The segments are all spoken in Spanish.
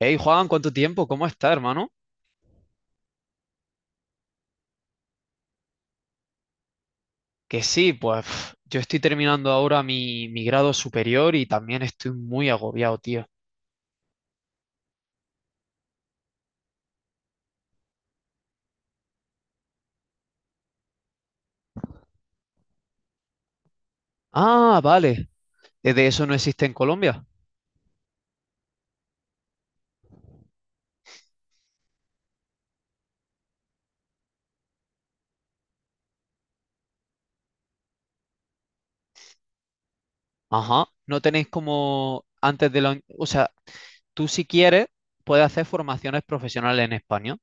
Hey Juan, ¿cuánto tiempo? ¿Cómo está, hermano? Que sí, pues yo estoy terminando ahora mi grado superior y también estoy muy agobiado, tío. Ah, vale. ¿De eso no existe en Colombia? Ajá. No tenéis como antes de. O sea, tú si quieres puedes hacer formaciones profesionales en España,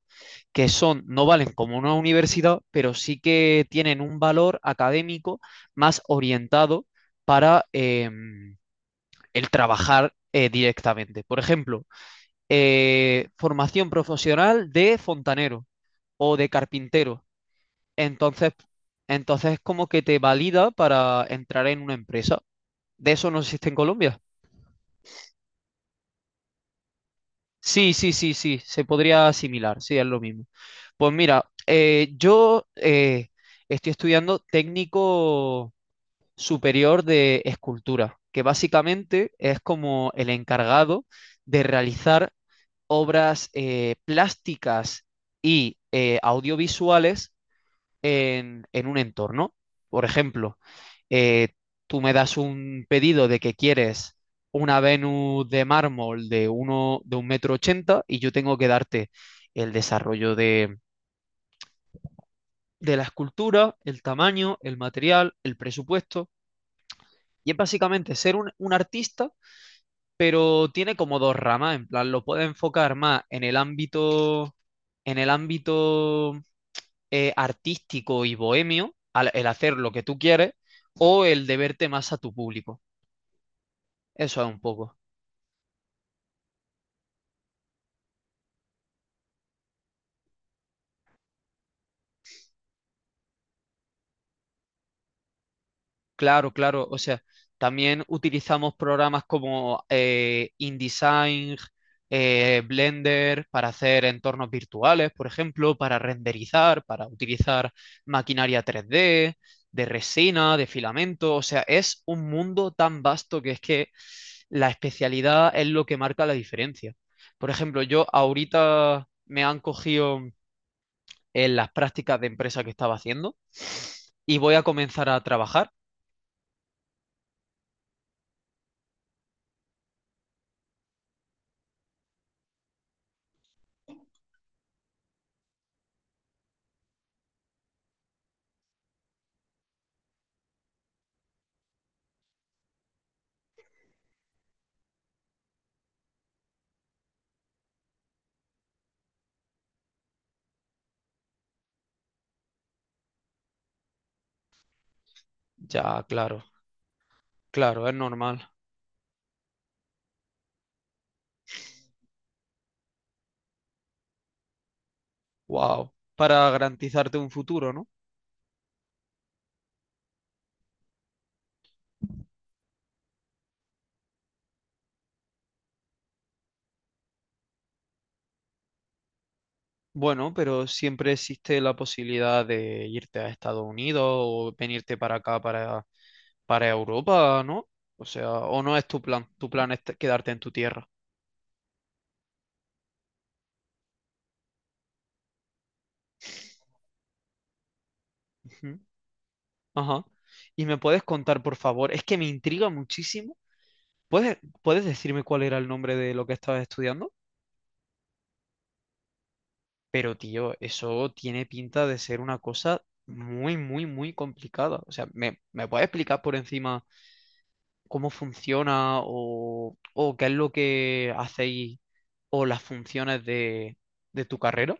que son, no valen como una universidad, pero sí que tienen un valor académico más orientado para el trabajar directamente. Por ejemplo, formación profesional de fontanero o de carpintero. Entonces, entonces como que te valida para entrar en una empresa. ¿De eso no existe en Colombia? Sí, sí, sí, sí, se podría asimilar, sí, es lo mismo. Pues mira, yo estoy estudiando técnico superior de escultura, que básicamente es como el encargado de realizar obras plásticas y audiovisuales en, un entorno. Por ejemplo, eh, tú me das un pedido de que quieres una Venus de mármol de 1,80 m y yo tengo que darte el desarrollo de la escultura, el tamaño, el material, el presupuesto. Y es básicamente ser un artista, pero tiene como dos ramas. En plan, lo puede enfocar más en el ámbito, en el ámbito artístico y bohemio, el hacer lo que tú quieres, o el deberte más a tu público. Eso es un poco. Claro, claro. O sea, también utilizamos programas como InDesign, Blender para hacer entornos virtuales, por ejemplo, para renderizar, para utilizar maquinaria 3D, de resina, de filamento. O sea, es un mundo tan vasto que es que la especialidad es lo que marca la diferencia. Por ejemplo, yo ahorita me han cogido en las prácticas de empresa que estaba haciendo y voy a comenzar a trabajar. Ya, claro. Claro, es normal. Wow. Para garantizarte un futuro, ¿no? Bueno, pero siempre existe la posibilidad de irte a Estados Unidos o venirte para acá, para Europa, ¿no? O sea, o no es tu plan. Tu plan es quedarte en tu tierra. Ujú. Ajá. ¿Y me puedes contar, por favor? Es que me intriga muchísimo. Puedes decirme cuál era el nombre de lo que estabas estudiando? Pero, tío, eso tiene pinta de ser una cosa muy, muy, muy complicada. O sea, me puedes explicar por encima cómo funciona o qué es lo que hacéis o las funciones de tu carrera?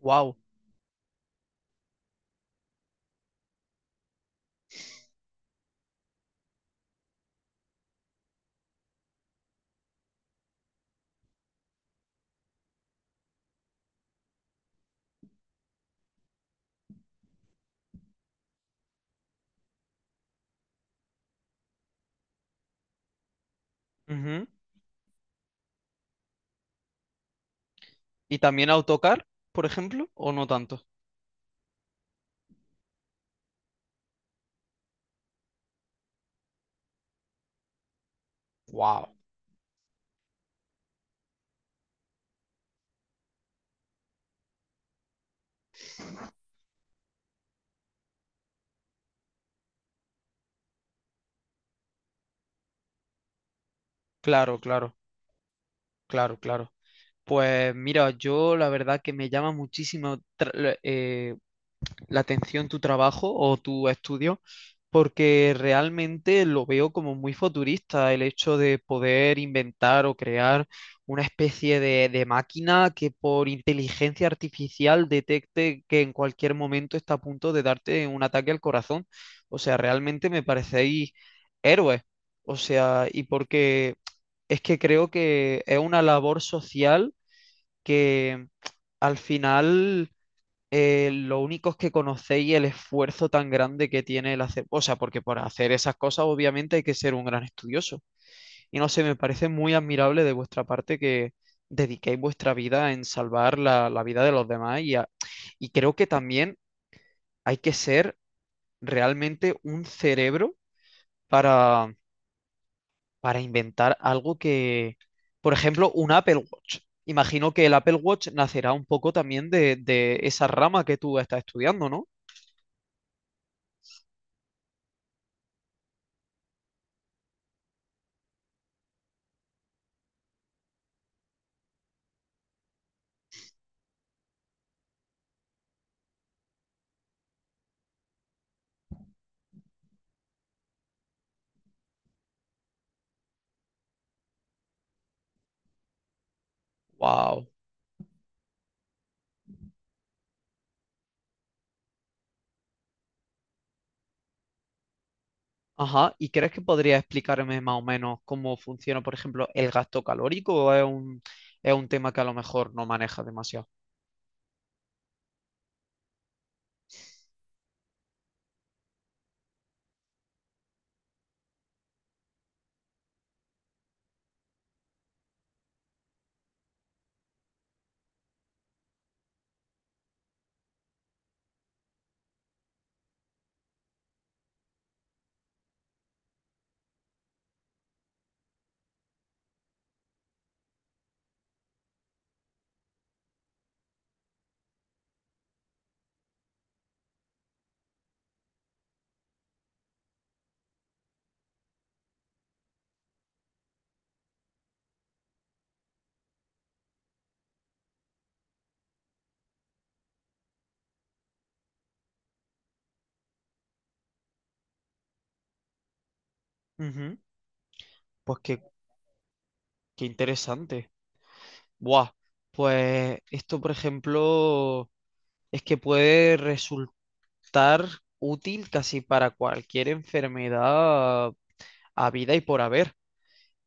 Wow. ¿Y también AutoCAD, por ejemplo, o no tanto? Wow. Claro, claro, claro, claro. Pues mira, yo la verdad que me llama muchísimo eh, la atención tu trabajo o tu estudio, porque realmente lo veo como muy futurista el hecho de poder inventar o crear una especie de máquina que por inteligencia artificial detecte que en cualquier momento está a punto de darte un ataque al corazón. O sea, realmente me parecéis héroes. O sea, y porque es que creo que es una labor social que al final lo único es que conocéis el esfuerzo tan grande que tiene el hacer, o sea, porque para hacer esas cosas obviamente hay que ser un gran estudioso. Y no sé, me parece muy admirable de vuestra parte que dediquéis vuestra vida en salvar la vida de los demás y creo que también hay que ser realmente un cerebro para, para inventar algo que, por ejemplo, un Apple Watch. Imagino que el Apple Watch nacerá un poco también de esa rama que tú estás estudiando, ¿no? Wow. Ajá, ¿y crees que podría explicarme más o menos cómo funciona, por ejemplo, el gasto calórico o es es un tema que a lo mejor no maneja demasiado? Ujú. Pues qué interesante. Buah, pues esto, por ejemplo, es que puede resultar útil casi para cualquier enfermedad a vida y por haber.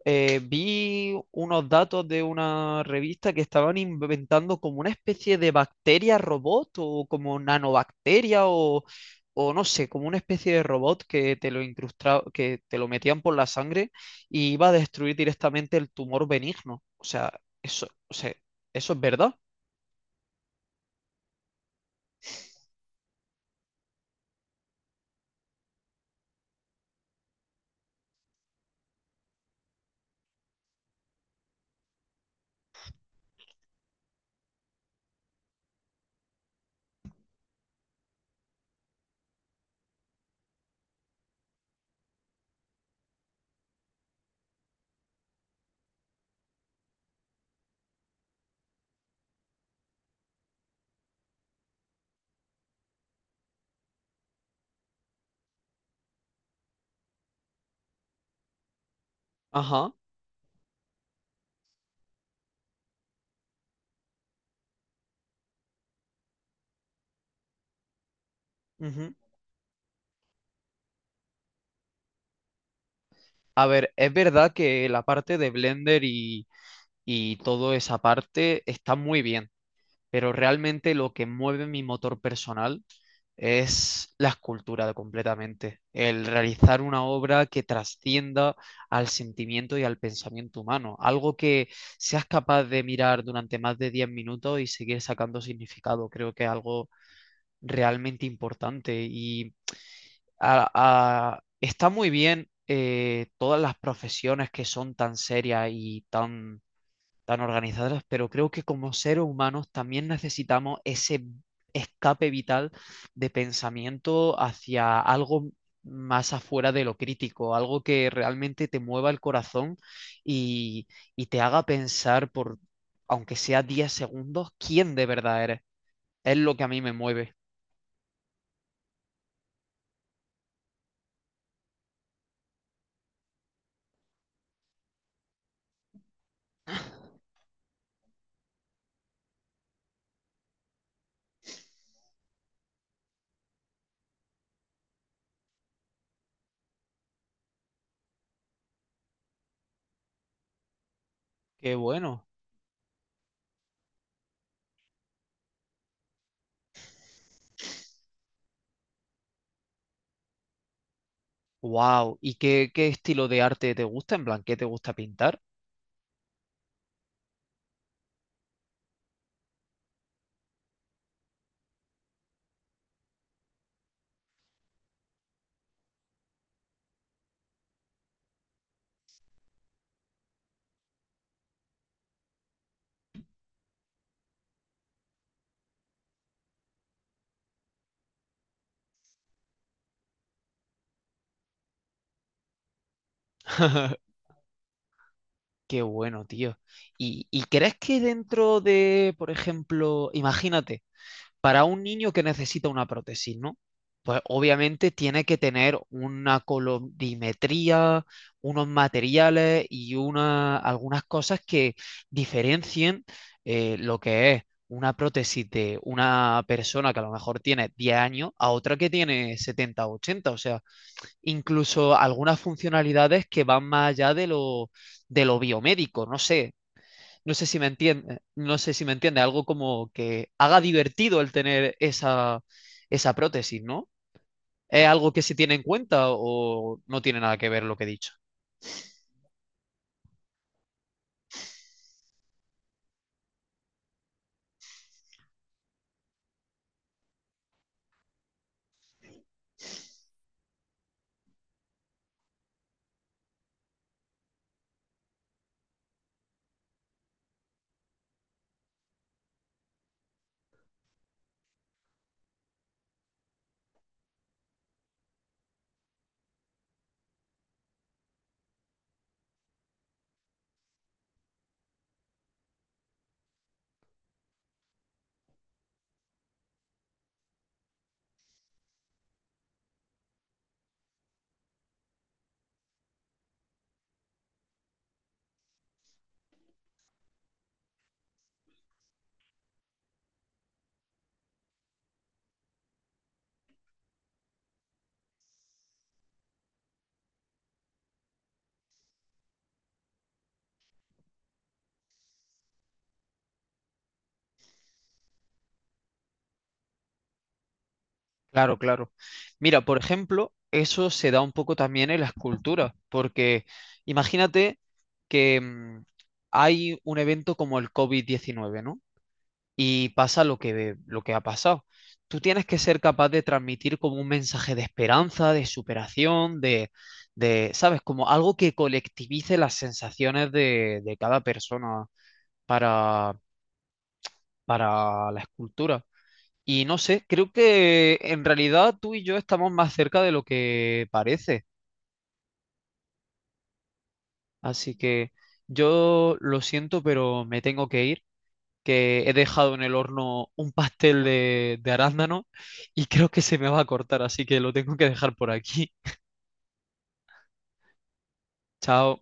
Vi unos datos de una revista que estaban inventando como una especie de bacteria robot o como nanobacteria o no sé, como una especie de robot que te lo incrustaba, que te lo metían por la sangre y iba a destruir directamente el tumor benigno. O sea, eso es verdad. Ajá. Ujú. A ver, es verdad que la parte de Blender y toda esa parte está muy bien, pero realmente lo que mueve mi motor personal es la escultura completamente, el realizar una obra que trascienda al sentimiento y al pensamiento humano, algo que seas capaz de mirar durante más de 10 minutos y seguir sacando significado, creo que es algo realmente importante y a- está muy bien todas las profesiones que son tan serias y tan organizadas, pero creo que como seres humanos también necesitamos ese escape vital de pensamiento hacia algo más afuera de lo crítico, algo que realmente te mueva el corazón y, y te haga pensar por, aunque sea 10 segundos, quién de verdad eres. Es lo que a mí me mueve. Qué bueno. Wow. ¿Y qué estilo de arte te gusta? ¿En plan, qué te gusta pintar? Qué bueno, tío. Y crees que dentro de, por ejemplo, imagínate, para un niño que necesita una prótesis, ¿no? Pues obviamente tiene que tener una colorimetría, unos materiales y algunas cosas que diferencien lo que es una prótesis de una persona que a lo mejor tiene 10 años a otra que tiene 70 o 80. O sea, incluso algunas funcionalidades que van más allá de lo biomédico, no sé. No sé si me entiende, algo como que haga divertido el tener esa prótesis, ¿no? ¿Es algo que se tiene en cuenta o no tiene nada que ver lo que he dicho? Claro, claro. Mira, por ejemplo, eso se da un poco también en la escultura, porque imagínate que hay un evento como el COVID-19, ¿no? Y pasa lo que ha pasado. Tú tienes que ser capaz de transmitir como un mensaje de esperanza, de superación, de, ¿sabes? Como algo que colectivice las sensaciones de cada persona para, para la escultura. Y no sé, creo que en realidad tú y yo estamos más cerca de lo que parece. Así que yo lo siento, pero me tengo que ir. Que he dejado en el horno un pastel de arándano y creo que se me va a cortar, así que lo tengo que dejar por aquí. Chao.